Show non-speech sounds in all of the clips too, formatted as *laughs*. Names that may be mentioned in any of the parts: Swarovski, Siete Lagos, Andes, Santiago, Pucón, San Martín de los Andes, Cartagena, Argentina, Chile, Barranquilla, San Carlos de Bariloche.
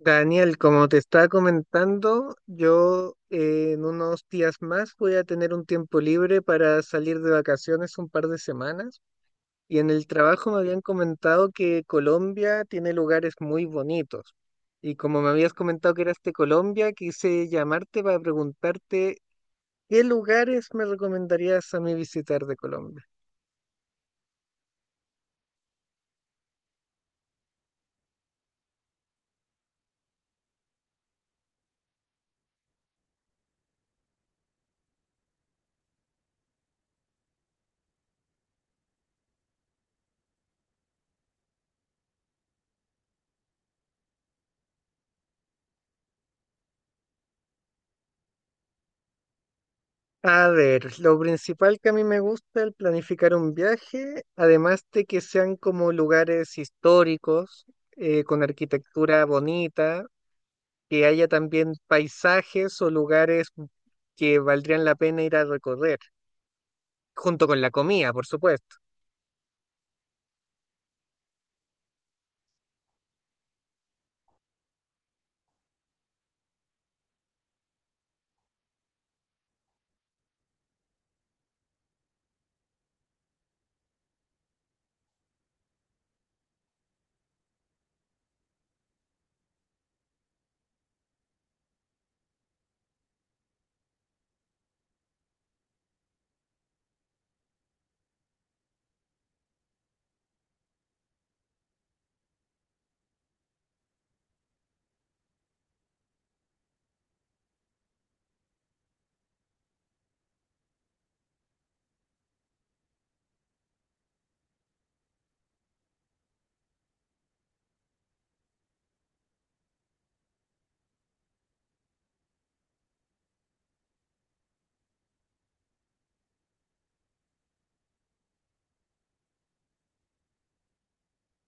Daniel, como te estaba comentando, yo en unos días más voy a tener un tiempo libre para salir de vacaciones un par de semanas y en el trabajo me habían comentado que Colombia tiene lugares muy bonitos, y como me habías comentado que eras de Colombia, quise llamarte para preguntarte qué lugares me recomendarías a mí visitar de Colombia. A ver, lo principal que a mí me gusta al planificar un viaje, además de que sean como lugares históricos, con arquitectura bonita, que haya también paisajes o lugares que valdrían la pena ir a recorrer, junto con la comida, por supuesto.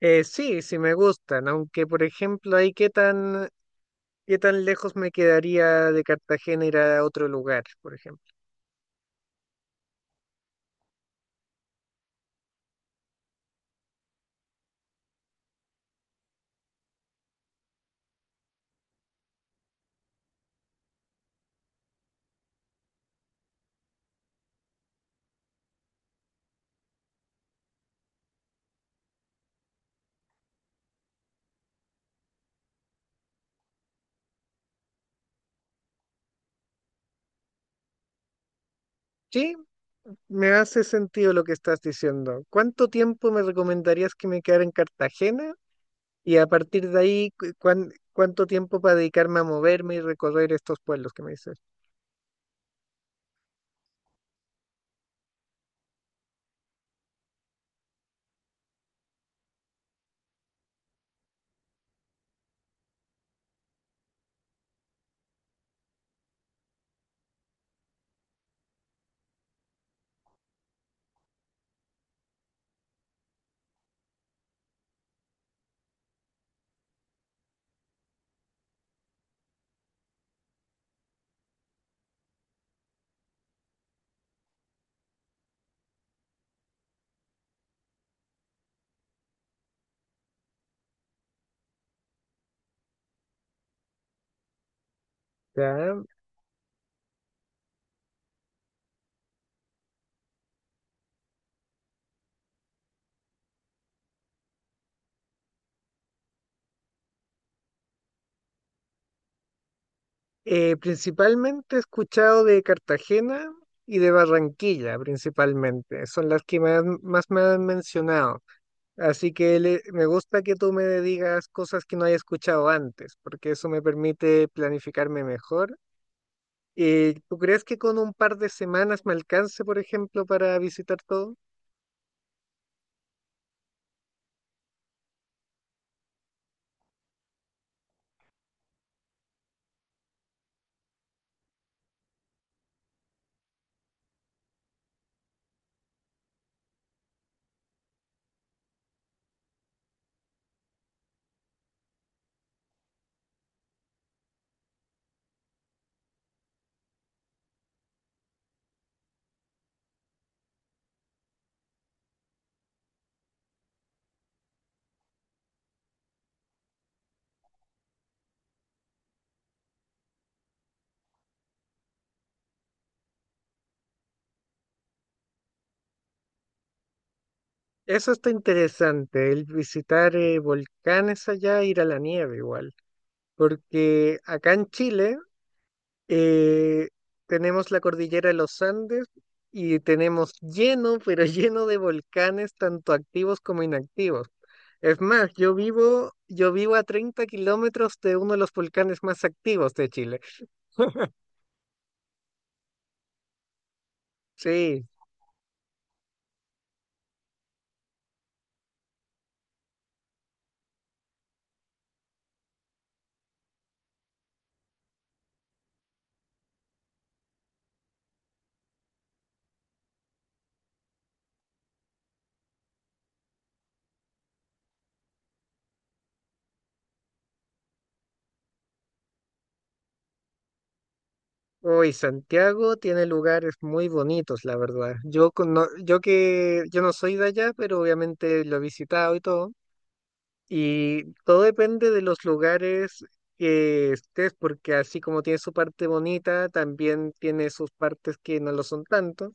Sí, sí me gustan, aunque por ejemplo, ahí qué tan lejos me quedaría de Cartagena ir a otro lugar, por ejemplo. Sí, me hace sentido lo que estás diciendo. ¿Cuánto tiempo me recomendarías que me quedara en Cartagena? Y a partir de ahí, ¿cuánto tiempo para dedicarme a moverme y recorrer estos pueblos que me dices? Ya. Principalmente he escuchado de Cartagena y de Barranquilla, principalmente. Son las que más me han mencionado. Así que me gusta que tú me digas cosas que no haya escuchado antes, porque eso me permite planificarme mejor. ¿Tú crees que con un par de semanas me alcance, por ejemplo, para visitar todo? Eso está interesante, el visitar volcanes allá, ir a la nieve igual, porque acá en Chile eh, tenemos la cordillera de los Andes y tenemos lleno, pero *laughs* lleno de volcanes, tanto activos como inactivos. Es más, yo vivo a 30 kilómetros de uno de los volcanes más activos de Chile. *laughs* Sí, hoy Santiago tiene lugares muy bonitos, la verdad. Yo yo que yo no soy de allá, pero obviamente lo he visitado y todo. Y todo depende de los lugares que estés, porque así como tiene su parte bonita, también tiene sus partes que no lo son tanto.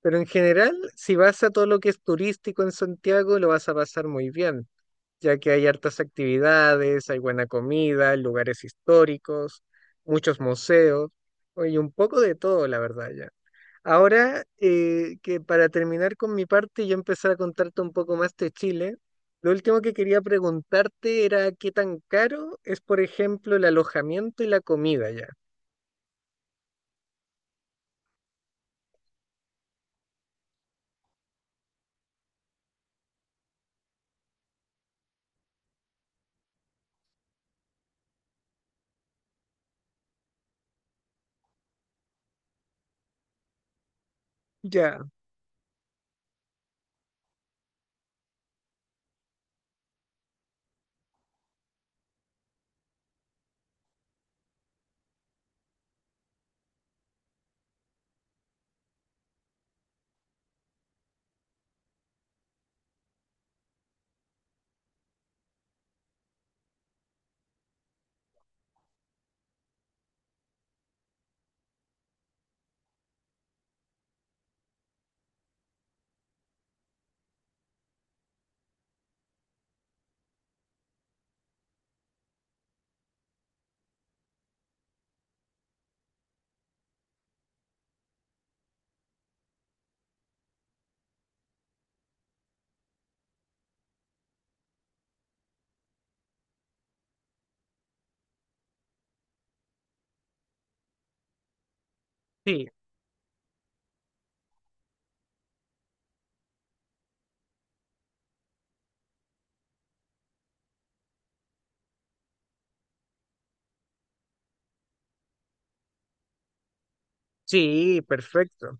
Pero en general, si vas a todo lo que es turístico en Santiago, lo vas a pasar muy bien, ya que hay hartas actividades, hay buena comida, lugares históricos, muchos museos, y un poco de todo, la verdad, ya. Ahora que para terminar con mi parte, y yo empezar a contarte un poco más de Chile. Lo último que quería preguntarte era qué tan caro es, por ejemplo, el alojamiento y la comida, ya. Ya. Sí, sí, perfecto.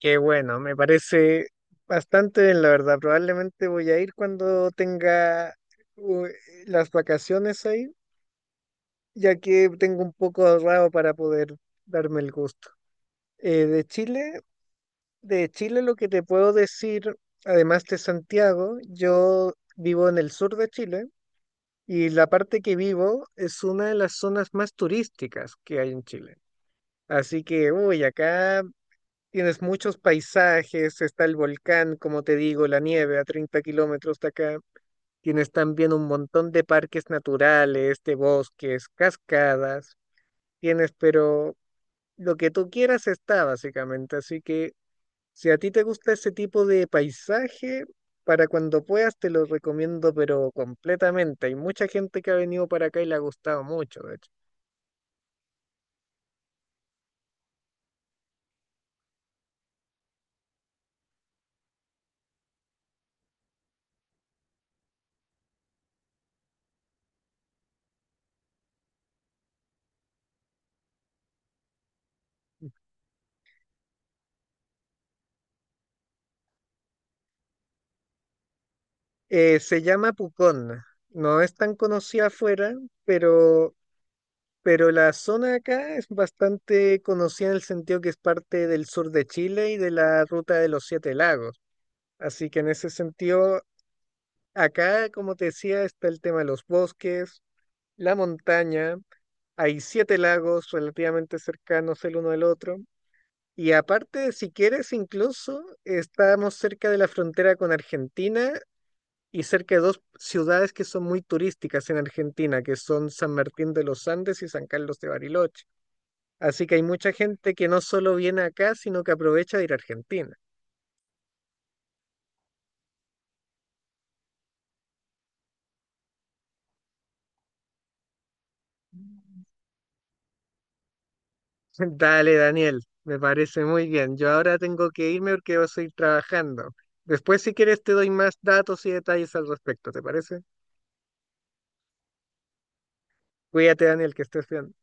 Qué bueno, me parece bastante bien, la verdad. Probablemente voy a ir cuando tenga u- las vacaciones ahí, ya que tengo un poco ahorrado para poder darme el gusto. Eh, de Chile, de Chile lo que te puedo decir, además de Santiago, yo vivo en el sur de Chile y la parte que vivo es una de las zonas más turísticas que hay en Chile. Así que, uy, acá tienes muchos paisajes, está el volcán, como te digo, la nieve a 30 kilómetros de acá. Tienes también un montón de parques naturales, de bosques, cascadas. Tienes, pero lo que tú quieras está básicamente. Así que si a ti te gusta ese tipo de paisaje, para cuando puedas te lo recomiendo, pero completamente. Hay mucha gente que ha venido para acá y le ha gustado mucho, de hecho. Se llama Pucón. No es tan conocida afuera, pero pero la zona acá es bastante conocida en el sentido que es parte del sur de Chile y de la ruta de los Siete Lagos. Así que en ese sentido, acá, como te decía, está el tema de los bosques, la montaña, hay siete lagos relativamente cercanos el uno del otro. Y aparte, si quieres, incluso estamos cerca de la frontera con Argentina y cerca de dos ciudades que son muy turísticas en Argentina, que son San Martín de los Andes y San Carlos de Bariloche. Así que hay mucha gente que no solo viene acá, sino que aprovecha de ir a Argentina. *laughs* Dale, Daniel, me parece muy bien. Yo ahora tengo que irme porque voy a seguir trabajando. Después, si quieres, te doy más datos y detalles al respecto, ¿te parece? Cuídate, Daniel, que estés bien.